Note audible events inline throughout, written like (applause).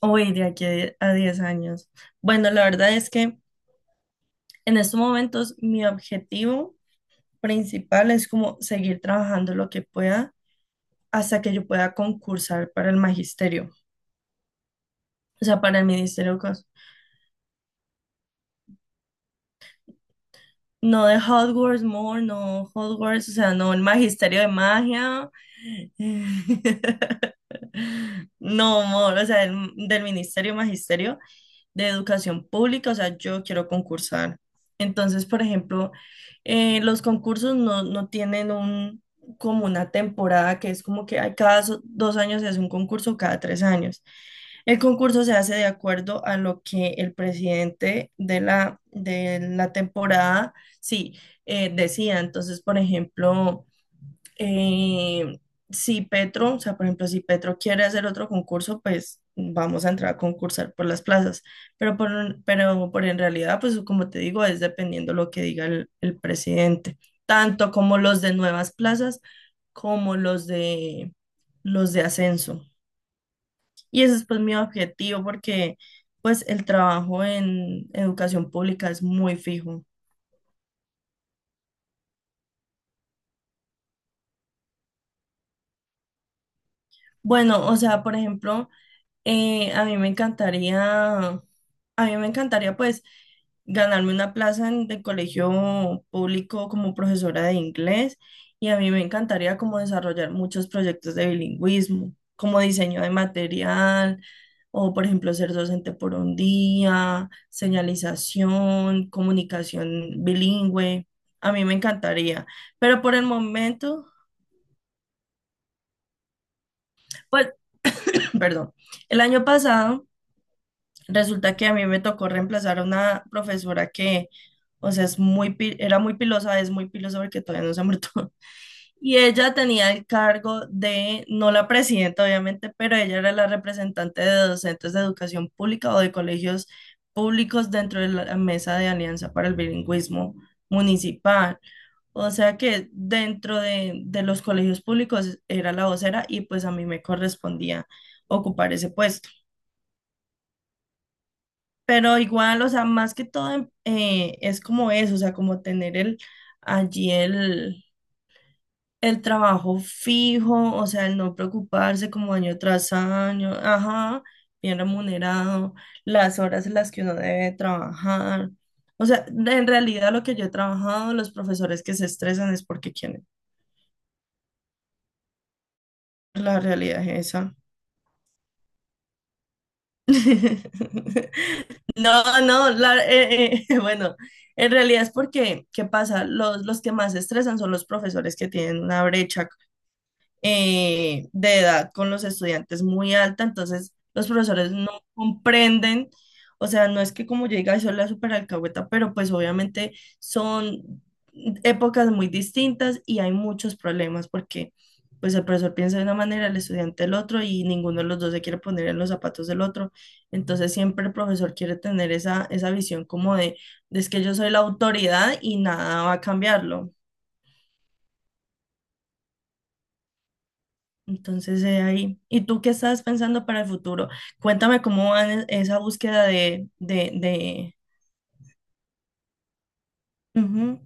Hoy, de aquí a 10 años. Bueno, la verdad es que en estos momentos mi objetivo principal es como seguir trabajando lo que pueda hasta que yo pueda concursar para el magisterio, o sea, para el ministerio. No de Hogwarts More, no Hogwarts, o sea, no el magisterio de magia, (laughs) no More, o sea, del ministerio magisterio, de educación pública, o sea, yo quiero concursar. Entonces, por ejemplo, los concursos no tienen como una temporada que es como que hay cada dos años se hace un concurso, cada tres años. El concurso se hace de acuerdo a lo que el presidente de la temporada, sí, decía. Entonces, por ejemplo... Eh, si Petro, o sea, por ejemplo, si Petro quiere hacer otro concurso, pues vamos a entrar a concursar por las plazas. Pero por en realidad, pues como te digo, es dependiendo lo que diga el presidente, tanto como los de nuevas plazas, como los de ascenso. Y ese es pues mi objetivo, porque pues el trabajo en educación pública es muy fijo. Bueno, o sea, por ejemplo. A mí me encantaría, a mí me encantaría pues ganarme una plaza en el colegio público como profesora de inglés y a mí me encantaría como desarrollar muchos proyectos de bilingüismo, como diseño de material o por ejemplo ser docente por un día, señalización, comunicación bilingüe. A mí me encantaría, pero por el momento, pues, (clears throat) perdón, el año pasado... Resulta que a mí me tocó reemplazar a una profesora que, o sea, es muy, era muy pilosa, es muy pilosa porque todavía no se ha muerto. (laughs) Y ella tenía el cargo de, no la presidenta obviamente, pero ella era la representante de docentes de educación pública o de colegios públicos dentro de la mesa de Alianza para el Bilingüismo Municipal. O sea que dentro de los colegios públicos era la vocera y pues a mí me correspondía ocupar ese puesto. Pero igual, o sea, más que todo es como eso, o sea, como tener allí el, el trabajo fijo, o sea, el no preocuparse como año tras año, ajá, bien remunerado, las horas en las que uno debe trabajar. O sea, en realidad lo que yo he trabajado, los profesores que se estresan es porque quieren. La realidad es esa. (laughs) No, no, (laughs) bueno, en realidad es porque, ¿qué pasa? Los que más se estresan son los profesores que tienen una brecha de edad con los estudiantes muy alta, entonces los profesores no comprenden, o sea, no es que como yo diga, soy la super alcahueta, pero pues obviamente son épocas muy distintas y hay muchos problemas porque pues el profesor piensa de una manera, el estudiante el otro y ninguno de los dos se quiere poner en los zapatos del otro. Entonces siempre el profesor quiere tener esa visión como de es que yo soy la autoridad y nada va a cambiarlo. Entonces, ahí. ¿Y tú qué estás pensando para el futuro? Cuéntame cómo va esa búsqueda de... Ujú.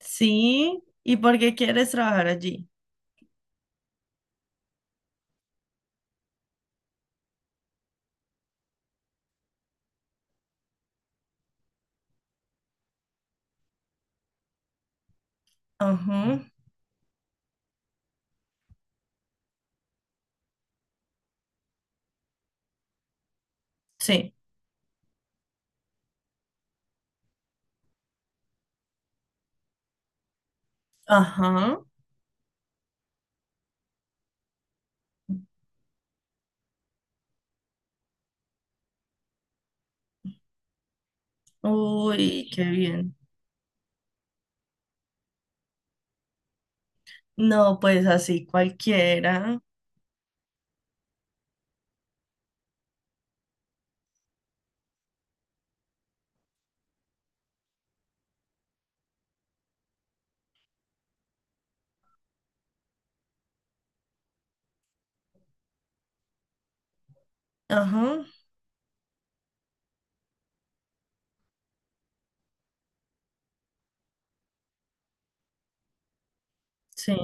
Sí, ¿y por qué quieres trabajar allí? Ajá, sí, ajá. Uy, qué bien. No, pues así cualquiera. Ajá, sí.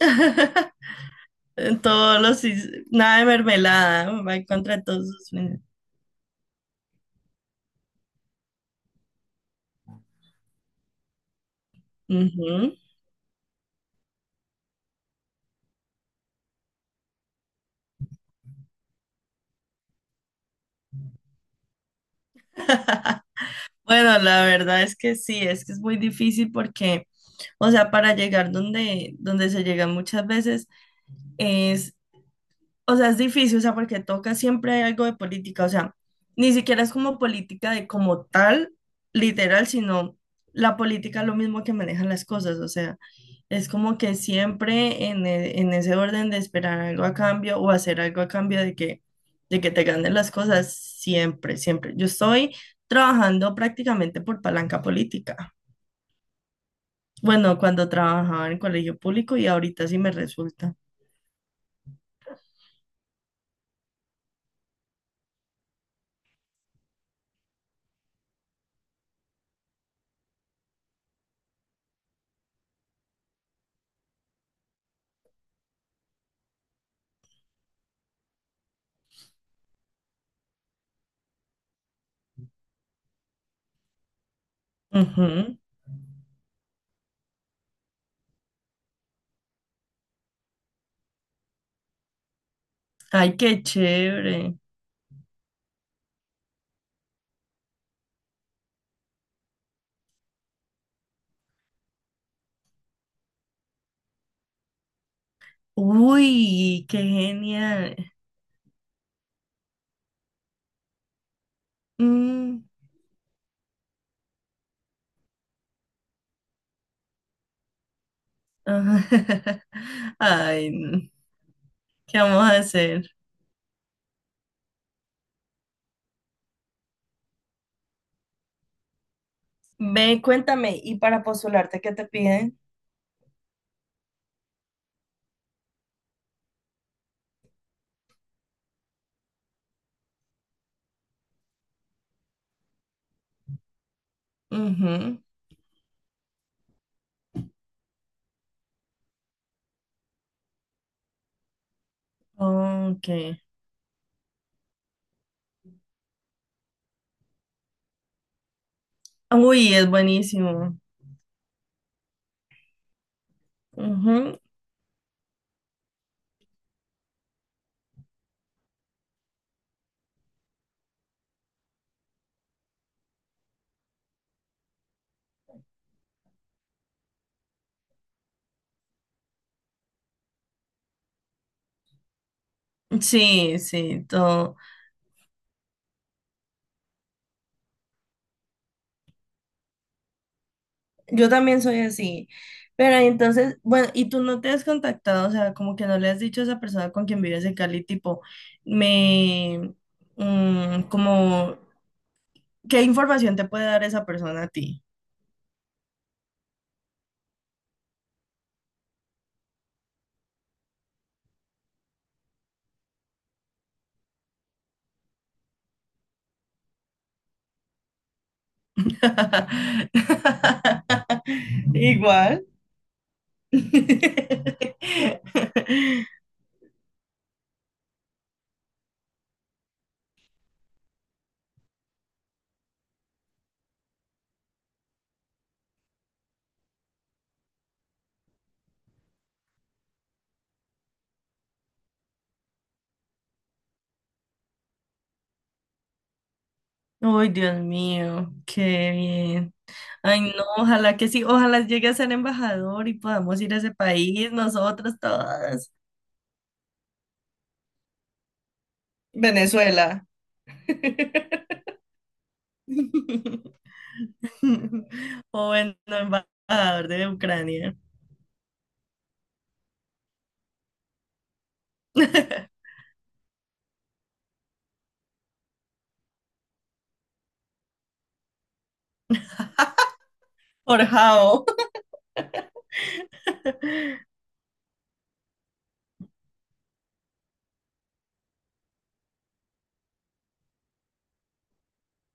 (laughs) En todos los... Nada de mermelada, va en contra de todos sus... Ujú. (laughs) Bueno, la verdad es que sí, es que es muy difícil porque, o sea, para llegar donde, donde se llega muchas veces es o sea, es difícil, o sea, porque toca siempre algo de política, o sea, ni siquiera es como política de como tal, literal, sino la política es lo mismo que manejan las cosas, o sea, es como que siempre en ese orden de esperar algo a cambio o hacer algo a cambio de que te ganen las cosas, siempre, siempre. Yo estoy trabajando prácticamente por palanca política. Bueno, cuando trabajaba en colegio público y ahorita sí me resulta. Ujú. Ay, qué chévere. Uy, qué genial. Mm, ajá. (laughs) Ay, no. ¿Qué vamos a hacer? Ve, cuéntame, ¿y para postularte qué te piden? Ujú. Ok. Uy, es buenísimo. Ujú. Sí, sí, todo. Yo también soy así. Pero entonces, bueno, y tú no te has contactado, o sea, como que no le has dicho a esa persona con quien vives en Cali, tipo, me, mm, como ¿qué información te puede dar esa persona a ti? (laughs) Igual. (laughs) Ay, Dios mío, qué bien. Ay, no, ojalá que sí, ojalá llegue a ser embajador y podamos ir a ese país, nosotras todas. Venezuela. (laughs) O bueno, embajador de Ucrania. (laughs) Por Jao.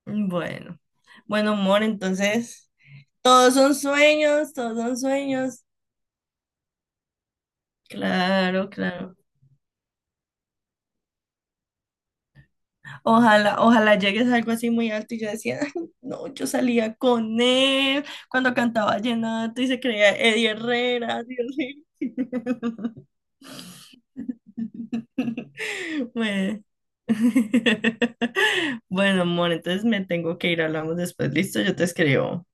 Bueno, bueno, amor, entonces. Todos son sueños, todos son sueños. Claro, claro. Ojalá, ojalá llegues a algo así muy alto y yo decía, "Ay, no, yo salía con él cuando cantaba vallenato y se creía Eddie Herrera, Dios mío". (laughs) Bueno. (laughs) Bueno, amor, entonces me tengo que ir, hablamos después, listo, yo te escribo.